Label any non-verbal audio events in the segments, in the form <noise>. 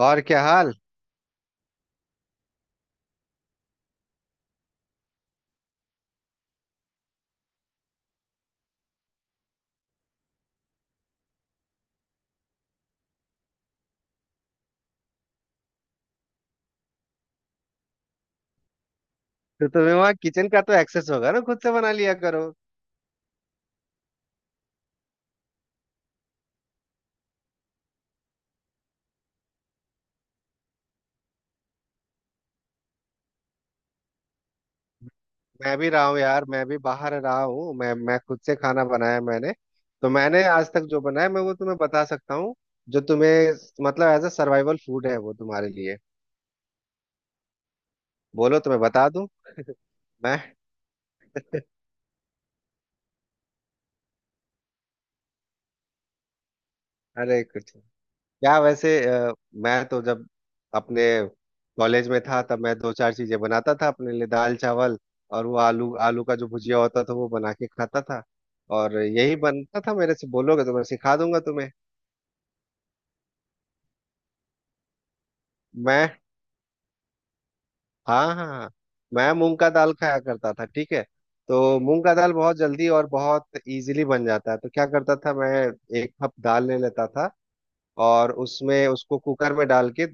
और क्या हाल? तो तुम्हें वहाँ किचन का तो एक्सेस होगा ना, खुद से बना लिया करो। मैं भी रहा हूँ यार, मैं भी बाहर रहा हूँ। मैं खुद से खाना बनाया मैंने। तो मैंने आज तक जो बनाया मैं वो तुम्हें बता सकता हूँ। जो तुम्हें मतलब एज अ सर्वाइवल फूड है वो तुम्हारे लिए। बोलो, तुम्हें बता दूँ? मैं अरे कुछ क्या वैसे अ, मैं तो जब अपने कॉलेज में था, तब मैं 2-4 चीजें बनाता था अपने लिए, दाल चावल और वो आलू आलू का जो भुजिया होता था वो बना के खाता था। और यही बनता था मेरे से। बोलोगे तो मैं सिखा दूंगा तुम्हें। मैं हाँ, हाँ, हाँ। मैं मूंग का दाल खाया करता था, ठीक है। तो मूंग का दाल बहुत जल्दी और बहुत इजीली बन जाता है, तो क्या करता था मैं? एक कप दाल ले लेता था। और उसमें उसको कुकर में डाल के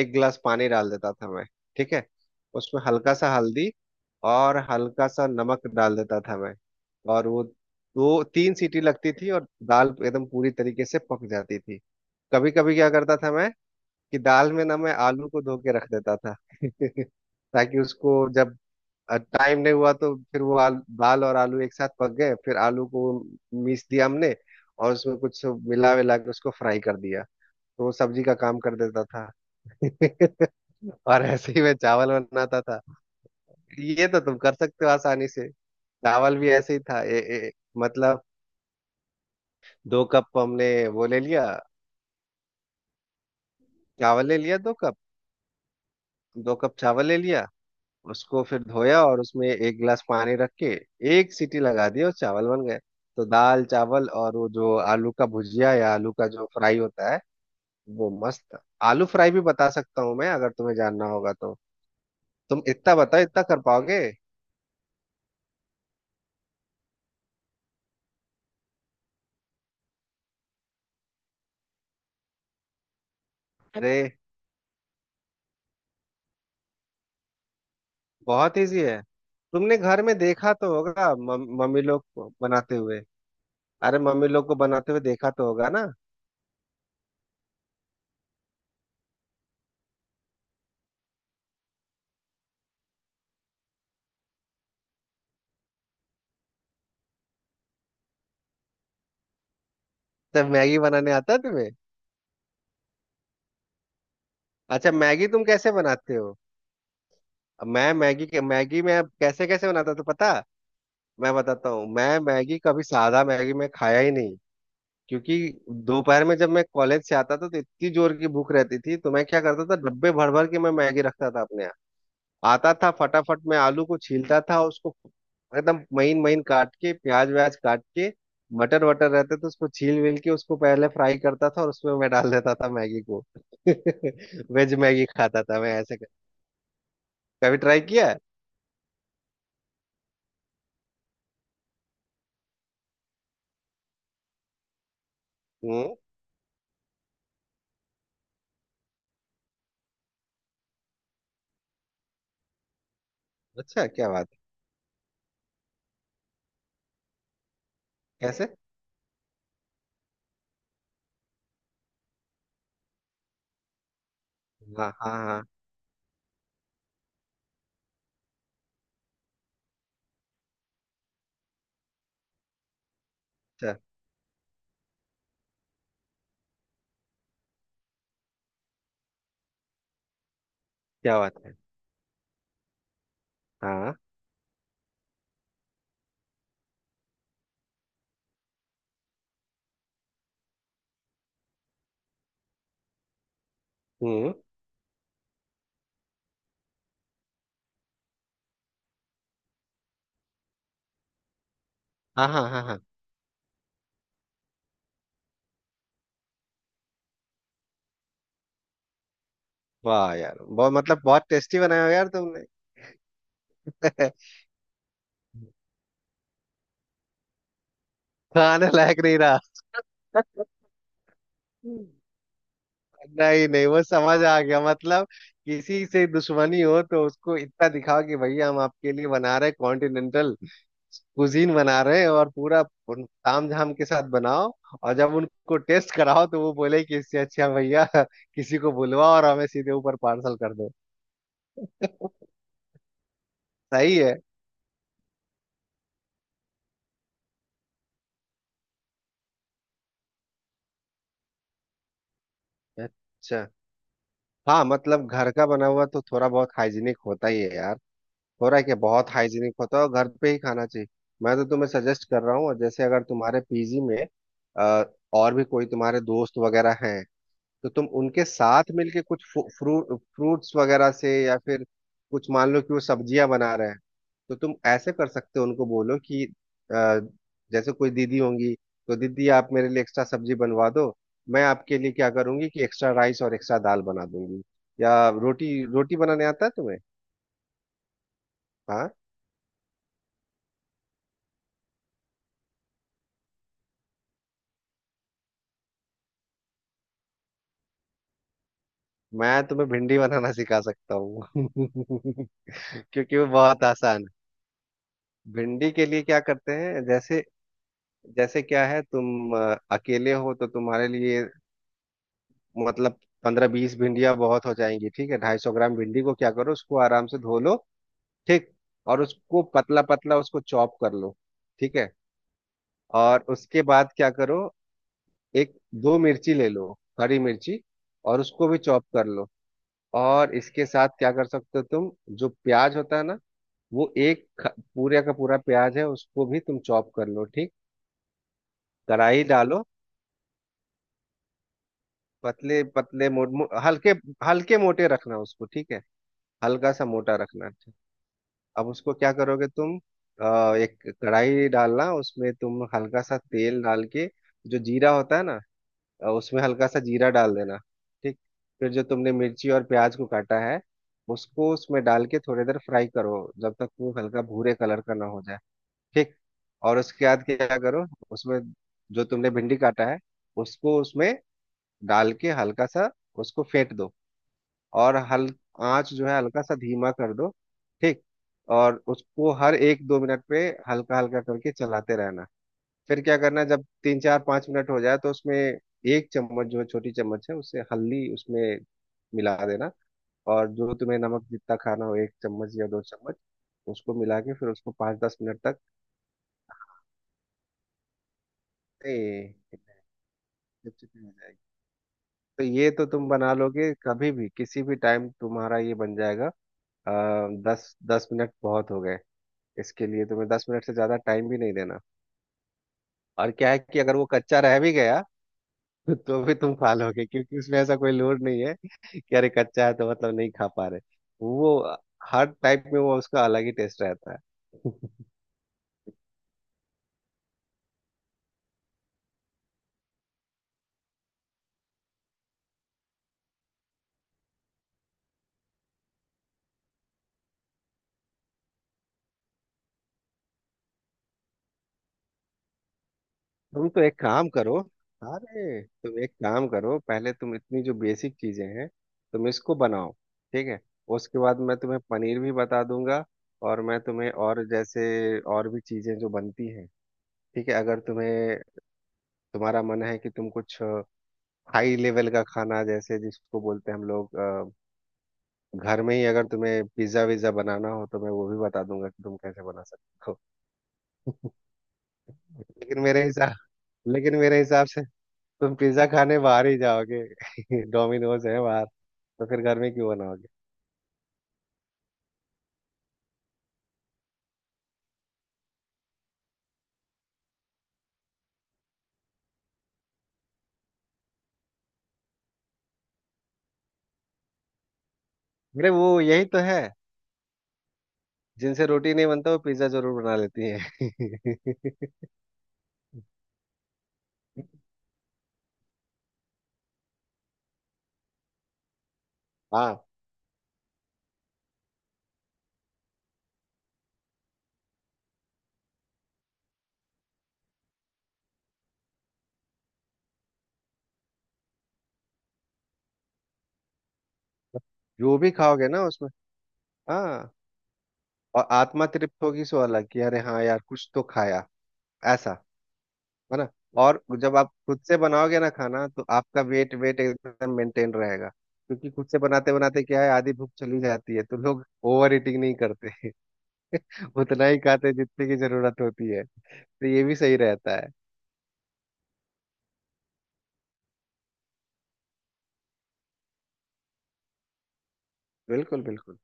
एक गिलास पानी डाल देता था मैं। ठीक है। उसमें हल्का सा हल्दी और हल्का सा नमक डाल देता था मैं। और वो 2-3 सीटी लगती थी और दाल एकदम पूरी तरीके से पक जाती थी। कभी कभी क्या करता था मैं? कि दाल में ना मैं आलू को धो के रख देता था। <laughs> ताकि उसको जब टाइम नहीं हुआ तो फिर वो दाल और आलू एक साथ पक गए, फिर आलू को मीस दिया हमने। और उसमें कुछ मिला विला के उसको फ्राई कर दिया। तो वो सब्जी का काम कर देता था। <laughs> और ऐसे ही मैं चावल बनाता था। ये तो तुम कर सकते हो आसानी से। चावल भी ऐसे ही था, ए, ए, मतलब दो कप हमने वो ले लिया। चावल ले लिया दो कप। दो कप चावल ले लिया। उसको फिर धोया और उसमें एक गिलास पानी रख के एक सीटी लगा दी और चावल बन गए। तो दाल चावल और वो जो आलू का भुजिया या आलू का जो फ्राई होता है वो मस्त। आलू फ्राई भी बता सकता हूँ मैं, अगर तुम्हें जानना होगा तो। तुम इतना बताओ, इतना कर पाओगे? अरे, बहुत इजी है। तुमने घर में देखा तो होगा मम्मी लोग को बनाते हुए। अरे, मम्मी लोग को बनाते हुए देखा तो होगा ना? जब मैगी बनाने आता है तुम्हें? अच्छा, मैगी तुम कैसे बनाते हो? अब मैं मैगी में अब कैसे कैसे बनाता हूं, तो पता। मैं बताता हूँ, मैं मैगी कभी सादा मैगी मैं खाया ही नहीं। क्योंकि दोपहर में जब मैं कॉलेज से आता था तो इतनी जोर की भूख रहती थी तो मैं क्या करता था, डब्बे भर भर के मैं मैगी रखता था अपने यहाँ। आता था फटाफट, मैं आलू को छीलता था उसको एकदम महीन महीन काट के, प्याज व्याज काट के, मटर वटर रहते तो उसको छील विल के उसको पहले फ्राई करता था और उसमें मैं डाल देता था मैगी को। <laughs> वेज मैगी खाता था मैं ऐसे कर। कभी ट्राई किया है? हम्म। अच्छा, क्या बात है। कैसे? हाँ, हाँ, हाँ। अच्छा, क्या बात है। हाँ, हम्म। हाँ, हाँ, हाँ, हाँ। वाह यार, बहुत मतलब बहुत टेस्टी बनाया हो यार तुमने। <laughs> खाने लायक नहीं रहा? <laughs> नहीं नहीं, वो समझ आ गया मतलब। किसी से दुश्मनी हो तो उसको इतना दिखाओ कि भैया, हम आपके लिए बना रहे कॉन्टिनेंटल कुजीन बना रहे हैं और पूरा ताम झाम के साथ बनाओ। और जब उनको टेस्ट कराओ तो वो बोले कि इससे अच्छा भैया <laughs> किसी को बुलवाओ और हमें सीधे ऊपर पार्सल कर दो। सही है। अच्छा। हाँ मतलब घर का बना हुआ तो थोड़ा बहुत हाइजीनिक होता ही है यार। हो रहा है क्या? बहुत हाइजीनिक होता है और घर पे ही खाना चाहिए। मैं तो तुम्हें सजेस्ट कर रहा हूँ। और जैसे अगर तुम्हारे पीजी में अ, और भी कोई तुम्हारे दोस्त वगैरह हैं, तो तुम उनके साथ मिलके कुछ फ्रूट्स वगैरह से या फिर कुछ मान लो कि वो सब्जियां बना रहे हैं, तो तुम ऐसे कर सकते हो। उनको बोलो कि जैसे कोई दीदी होंगी, तो दीदी आप मेरे लिए एक्स्ट्रा सब्जी बनवा दो, मैं आपके लिए क्या करूंगी कि एक्स्ट्रा राइस और एक्स्ट्रा दाल बना दूंगी। या रोटी, रोटी बनाने आता है तुम्हें? हाँ, मैं तुम्हें भिंडी बनाना सिखा सकता हूँ। <laughs> क्योंकि वो बहुत आसान है। भिंडी के लिए क्या करते हैं, जैसे, जैसे क्या है, तुम अकेले हो तो तुम्हारे लिए मतलब 15-20 भिंडियाँ बहुत हो जाएंगी, ठीक है। 250 ग्राम भिंडी को क्या करो, उसको आराम से धो लो, ठीक। और उसको पतला पतला उसको चॉप कर लो, ठीक है। और उसके बाद क्या करो? एक दो मिर्ची ले लो, हरी मिर्ची, और उसको भी चॉप कर लो। और इसके साथ क्या कर सकते हो तुम? जो प्याज होता है ना, वो एक पूरे का पूरा प्याज है उसको भी तुम चॉप कर लो, ठीक। कढ़ाई डालो, पतले पतले हल्के हल्के मोटे रखना उसको, ठीक है। हल्का सा मोटा रखना, ठीक। अब उसको क्या करोगे तुम? एक कढ़ाई डालना, उसमें तुम हल्का सा तेल डाल के जो जीरा होता है ना, उसमें हल्का सा जीरा डाल देना, ठीक। फिर जो तुमने मिर्ची और प्याज को काटा है उसको उसमें डाल के थोड़ी देर फ्राई करो, जब तक वो हल्का भूरे कलर का ना हो जाए, ठीक। और उसके बाद क्या करो? उसमें जो तुमने भिंडी काटा है उसको उसमें डाल के हल्का सा उसको फेंट दो। और हल आंच जो है हल्का सा धीमा कर दो, ठीक। और उसको हर एक दो मिनट पे हल्का हल्का करके चलाते रहना। फिर क्या करना जब तीन चार पाँच मिनट हो जाए तो उसमें एक चम्मच जो है, छोटी चम्मच है, उससे हल्दी उसमें मिला देना, और जो तुम्हें नमक जितना खाना हो, एक चम्मच या दो चम्मच उसको मिला के फिर उसको 5-10 मिनट तक। ए, चिपचिपी हो जाएगी। तो ये तो तुम बना लोगे, कभी भी किसी भी टाइम तुम्हारा ये बन जाएगा। आ, दस दस मिनट बहुत हो गए, इसके लिए तुम्हें 10 मिनट से ज्यादा टाइम भी नहीं देना। और क्या है कि अगर वो कच्चा रह भी गया तो भी तुम खा लोगे, क्योंकि उसमें ऐसा कोई लोड नहीं है कि अरे कच्चा है तो मतलब नहीं खा पा रहे। वो हर टाइप में वो उसका अलग ही टेस्ट रहता है। तुम तो एक काम करो। अरे तुम एक काम करो, पहले तुम इतनी जो बेसिक चीजें हैं तुम इसको बनाओ, ठीक है। उसके बाद मैं तुम्हें पनीर भी बता दूंगा। और मैं तुम्हें और जैसे और भी चीजें जो बनती हैं, ठीक है। अगर तुम्हें तुम्हारा मन है कि तुम कुछ हाई लेवल का खाना जैसे जिसको बोलते हैं हम लोग, घर में ही अगर तुम्हें पिज्जा विज्जा बनाना हो तो मैं वो भी बता दूंगा कि तुम कैसे बना सकते हो। <laughs> लेकिन मेरे हिसाब लेकिन मेरे हिसाब से तुम पिज्जा खाने बाहर ही जाओगे। <laughs> डोमिनोज है बाहर, तो फिर घर में क्यों बनाओगे? अरे, वो यही तो है, जिनसे रोटी नहीं बनता वो पिज्जा जरूर बना लेती है। <laughs> हाँ, जो भी खाओगे ना उसमें, हाँ, और आत्मा तृप्त होगी सो अलग, कि अरे हाँ यार कुछ तो खाया, ऐसा है ना। और जब आप खुद से बनाओगे ना खाना तो आपका वेट वेट एकदम मेंटेन रहेगा क्योंकि खुद से बनाते बनाते क्या है, आधी भूख चली जाती है तो लोग ओवर ईटिंग नहीं करते, <laughs> उतना ही खाते जितने की जरूरत होती है। तो ये भी सही रहता है। बिल्कुल, बिल्कुल।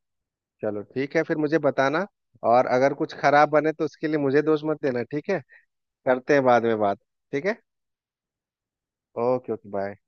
चलो ठीक है, फिर मुझे बताना। और अगर कुछ खराब बने तो उसके लिए मुझे दोष मत देना, ठीक है। करते हैं बाद में बात। ठीक है। Okay, okay bye.